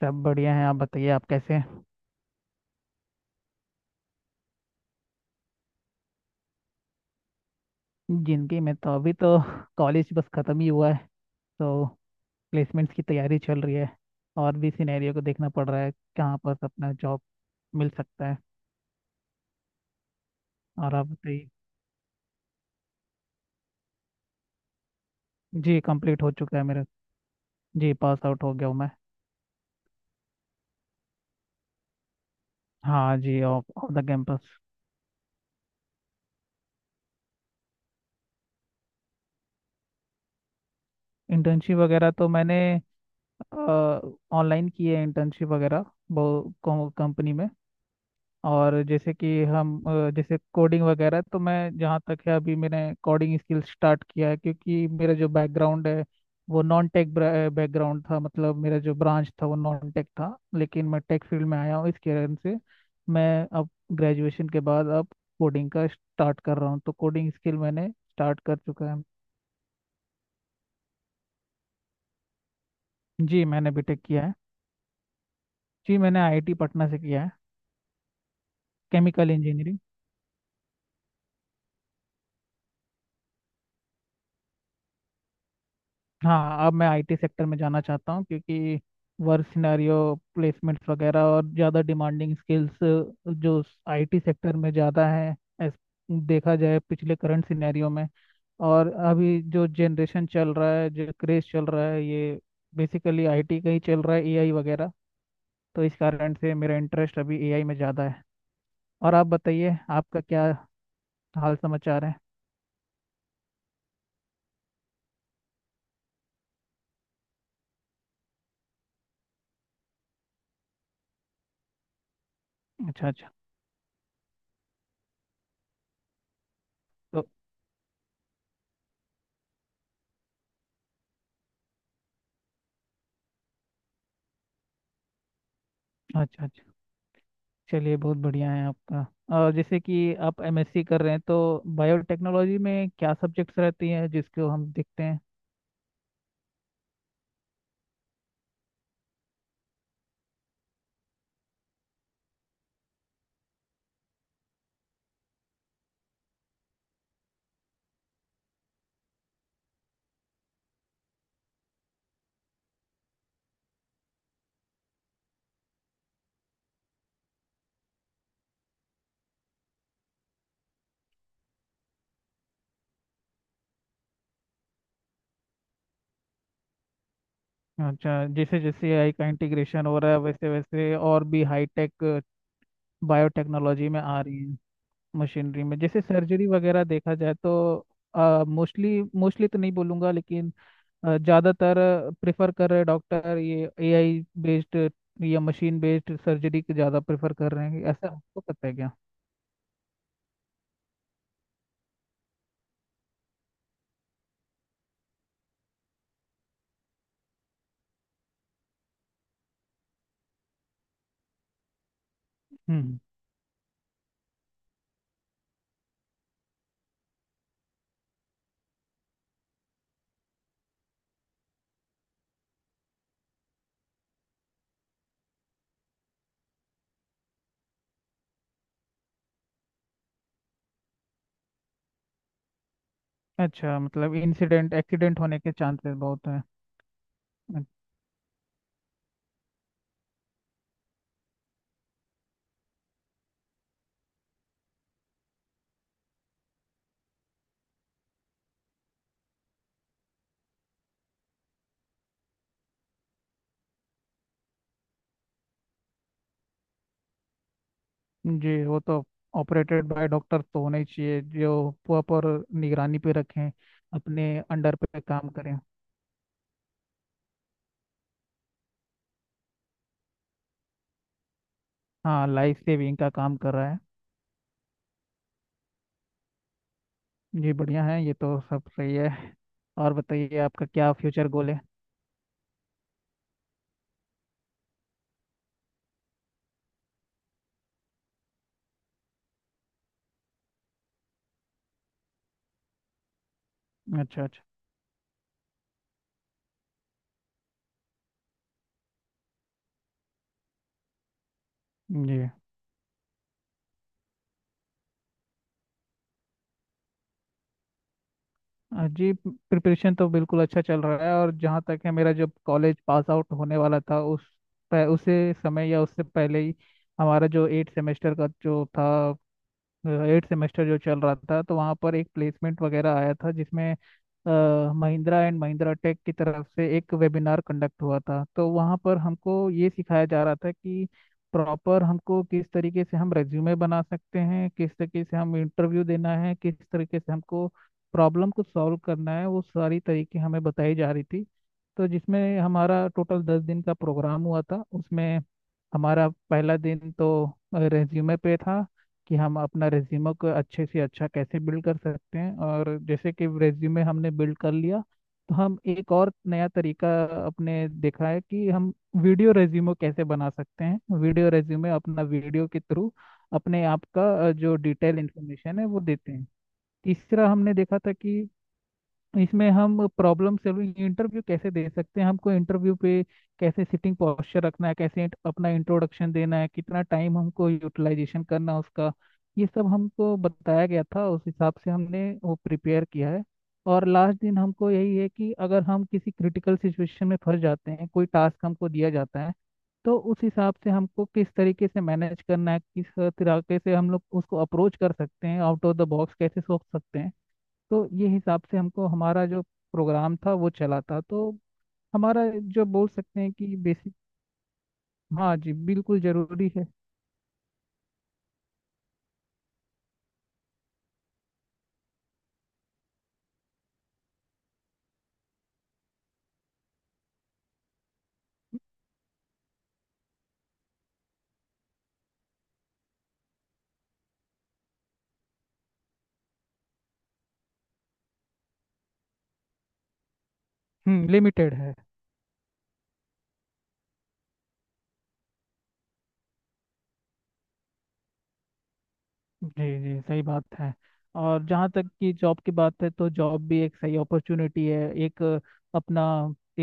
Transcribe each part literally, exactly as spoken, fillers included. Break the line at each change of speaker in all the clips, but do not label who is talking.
सब बढ़िया है। आप बताइए, आप कैसे हैं? जिंदगी में तो अभी तो कॉलेज बस खत्म ही हुआ है, तो प्लेसमेंट्स की तैयारी चल रही है। और भी सिनेरियो को देखना पड़ रहा है, कहाँ पर अपना जॉब मिल सकता है। और आप बताइए। जी कंप्लीट हो चुका है मेरा। जी पास आउट हो गया हूँ मैं। हाँ जी, off off the campus. Internship वगैरह तो मैंने ऑनलाइन की है, इंटर्नशिप वगैरह, वो कंपनी में। और जैसे कि हम अ, जैसे कोडिंग वगैरह, तो मैं जहाँ तक है अभी मैंने कोडिंग स्किल स्टार्ट किया है, क्योंकि मेरा जो बैकग्राउंड है वो नॉन टेक बैकग्राउंड था। मतलब मेरा जो ब्रांच था वो नॉन टेक था, लेकिन मैं टेक फील्ड में आया हूँ। इस कारण से मैं अब ग्रेजुएशन के बाद अब कोडिंग का स्टार्ट कर रहा हूँ, तो कोडिंग स्किल मैंने स्टार्ट कर चुका है। जी मैंने बीटेक किया है। जी मैंने आईआईटी पटना से किया है। Chemical engineering. हाँ, अब मैं आईटी सेक्टर में जाना चाहता हूँ, क्योंकि वर्क सिनेरियो, प्लेसमेंट्स वगैरह और ज़्यादा डिमांडिंग स्किल्स जो आईटी सेक्टर में ज़्यादा है as देखा जाए पिछले करंट सिनेरियो में। और अभी जो जनरेशन चल रहा है, जो क्रेज चल रहा है, ये बेसिकली आईटी का ही चल रहा है, एआई वगैरह। तो इस कारण से मेरा इंटरेस्ट अभी एआई में ज़्यादा है। और आप बताइए, आपका क्या हाल समाचार है? अच्छा अच्छा। तो अच्छा अच्छा, चलिए बहुत बढ़िया है आपका। और जैसे कि आप एमएससी कर रहे हैं, तो बायोटेक्नोलॉजी में क्या सब्जेक्ट्स रहती हैं जिसको हम देखते हैं? अच्छा, जैसे जैसे आई का इंटीग्रेशन हो रहा है, वैसे वैसे और भी हाईटेक बायोटेक्नोलॉजी में आ रही है। मशीनरी में जैसे सर्जरी वगैरह देखा जाए तो मोस्टली मोस्टली तो नहीं बोलूँगा लेकिन अ, ज़्यादातर प्रेफर कर रहे डॉक्टर, ये एआई बेस्ड या मशीन बेस्ड सर्जरी के ज़्यादा प्रेफर कर रहे हैं, ऐसा आपको पता है क्या? हम्म। अच्छा, मतलब इंसिडेंट एक्सीडेंट होने के चांसेस बहुत हैं। अ, जी वो तो ऑपरेटेड बाय डॉक्टर तो होने ही चाहिए, जो प्रॉपर निगरानी पे रखें, अपने अंडर पे काम करें। हाँ, लाइफ सेविंग का काम कर रहा है। जी बढ़िया है, ये तो सब सही है। और बताइए, आपका क्या फ्यूचर गोल है? अच्छा अच्छा। जी। अ, जी प्रिपरेशन तो बिल्कुल अच्छा चल रहा है। और जहाँ तक है, मेरा जब कॉलेज पास आउट होने वाला था, उस पह- उसे समय या उससे पहले ही हमारा जो एट सेमेस्टर का जो था, एट सेमेस्टर जो चल रहा था, तो वहाँ पर एक प्लेसमेंट वगैरह आया था, जिसमें अ, महिंद्रा एंड महिंद्रा टेक की तरफ से एक वेबिनार कंडक्ट हुआ था। तो वहाँ पर हमको ये सिखाया जा रहा था कि प्रॉपर हमको किस तरीके से हम रेज्यूमे बना सकते हैं, किस तरीके से हम इंटरव्यू देना है, किस तरीके से हमको प्रॉब्लम को सॉल्व करना है, वो सारी तरीके हमें बताई जा रही थी। तो जिसमें हमारा टोटल दस दिन का प्रोग्राम हुआ था, उसमें हमारा पहला दिन तो रेज्यूमे पे था कि हम अपना रेज्यूमे को अच्छे से अच्छा कैसे बिल्ड कर सकते हैं। और जैसे कि रेज्यूमे हमने बिल्ड कर लिया, तो हम एक और नया तरीका अपने देखा है कि हम वीडियो रेज्यूमे कैसे बना सकते हैं। वीडियो रेज्यूमे अपना वीडियो के थ्रू अपने आप का अ, जो डिटेल इंफॉर्मेशन है वो देते हैं। तीसरा हमने देखा था कि इसमें हम प्रॉब्लम सॉल्विंग इंटरव्यू कैसे दे सकते हैं, हमको इंटरव्यू पे कैसे सिटिंग पोस्चर रखना है, कैसे int- अपना इंट्रोडक्शन देना है, कितना टाइम हमको यूटिलाइजेशन करना है उसका। ये सब हमको बताया गया था, उस हिसाब से हमने वो प्रिपेयर किया है। और लास्ट दिन हमको यही है कि अगर हम किसी क्रिटिकल सिचुएशन में फंस जाते हैं, कोई टास्क हमको दिया जाता है, तो उस हिसाब से हमको किस तरीके से मैनेज करना है, किस तरीके से हम लोग उसको अप्रोच कर सकते हैं, आउट ऑफ द बॉक्स कैसे सोच सकते हैं। तो ये हिसाब से हमको हमारा जो प्रोग्राम था वो चला था। तो हमारा जो बोल सकते हैं कि बेसिक। हाँ जी, बिल्कुल जरूरी है। हम्म, लिमिटेड है। जी जी, सही बात है। और जहाँ तक कि जॉब की बात है, तो जॉब भी एक सही अपॉर्चुनिटी है, एक अ, अपना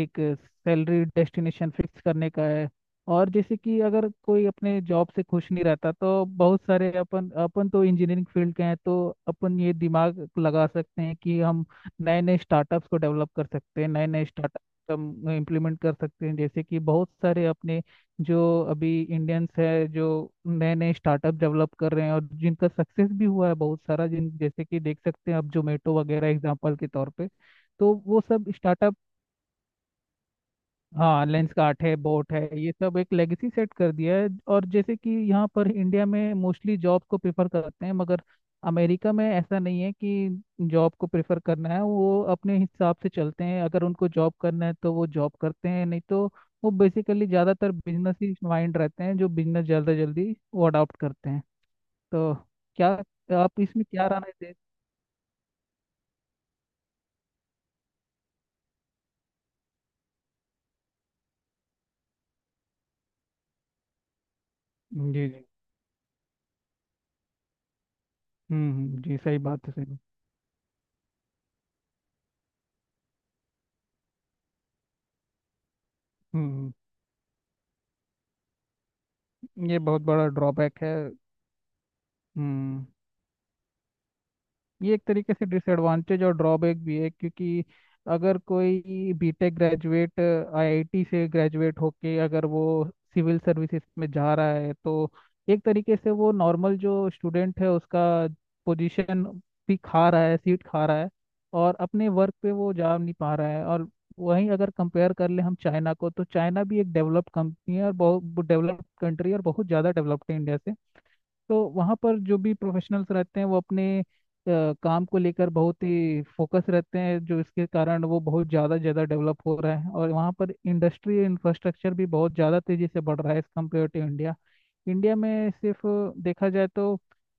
एक सैलरी डेस्टिनेशन फिक्स करने का है। और जैसे कि अगर कोई अपने जॉब से खुश नहीं रहता, तो बहुत सारे अपन, अपन तो इंजीनियरिंग फील्ड के हैं, तो अपन ये दिमाग लगा सकते हैं कि हम नए नए स्टार्टअप्स को डेवलप कर सकते हैं, नए नए स्टार्टअप हम इम्प्लीमेंट कर सकते हैं। जैसे कि बहुत सारे अपने जो अभी इंडियंस है, जो नए नए स्टार्टअप डेवलप कर रहे हैं, और जिनका सक्सेस भी हुआ है बहुत सारा, जिन जैसे कि देख सकते हैं अब जोमेटो वगैरह एग्जांपल के तौर पे, तो वो सब स्टार्टअप। हाँ, लेंस कार्ट है, बोट है, ये सब एक लेगेसी सेट कर दिया है। और जैसे कि यहाँ पर इंडिया में मोस्टली जॉब को प्रेफर करते हैं, मगर अमेरिका में ऐसा नहीं है कि जॉब को प्रेफर करना है। वो अपने हिसाब से चलते हैं, अगर उनको जॉब करना है तो वो जॉब करते हैं, नहीं तो वो बेसिकली ज़्यादातर बिजनेस ही माइंड रहते हैं, जो बिजनेस ज़्यादा जल्दी वो अडॉप्ट करते हैं। तो क्या आप इसमें क्या राय दे? जी जी। हम्म हम्म, जी सही बात है, सही बात। हम्म हम्म, ये बहुत बड़ा ड्रॉबैक है। हम्म, ये एक तरीके से डिसएडवांटेज और ड्रॉबैक भी है। क्योंकि अगर कोई बीटेक ग्रेजुएट आईआईटी से ग्रेजुएट होके, अगर वो सिविल सर्विसेज में जा रहा है, तो एक तरीके से वो नॉर्मल जो स्टूडेंट है उसका पोजीशन भी खा रहा है, सीट खा रहा है, और अपने वर्क पे वो जा नहीं पा रहा है। और वहीं अगर कंपेयर कर ले हम चाइना को, तो चाइना भी एक डेवलप्ड कंपनी है, और बहुत डेवलप्ड कंट्री है, और बहुत ज़्यादा डेवलप्ड है इंडिया से। तो वहाँ पर जो भी प्रोफेशनल्स रहते हैं वो अपने अ, काम को लेकर बहुत ही फोकस रहते हैं। जो इसके कारण वो बहुत ज़्यादा ज़्यादा डेवलप हो रहा है, और वहाँ पर इंडस्ट्री इंफ्रास्ट्रक्चर भी बहुत ज़्यादा तेज़ी से बढ़ रहा है as compare to India. India में सिर्फ देखा जाए तो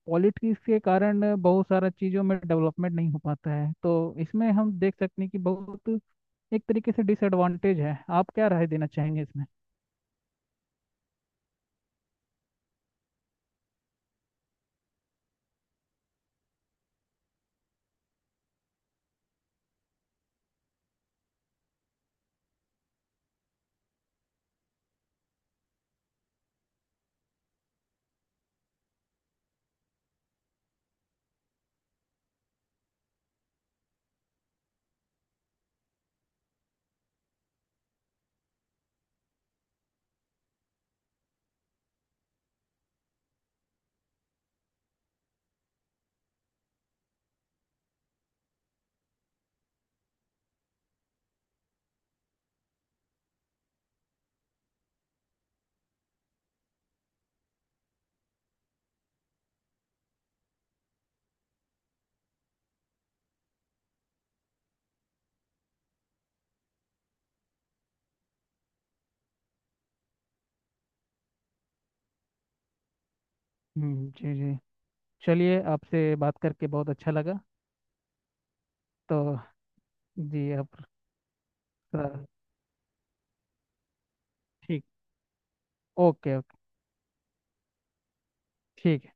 पॉलिटिक्स के कारण बहुत सारा चीज़ों में डेवलपमेंट नहीं हो पाता है। तो इसमें हम देख सकते हैं कि बहुत एक तरीके से डिसएडवांटेज है। आप क्या राय देना चाहेंगे इसमें? हम्म, जी जी। चलिए, आपसे बात करके बहुत अच्छा लगा। तो जी अब। सर ठीक। ओके ओके, ठीक है।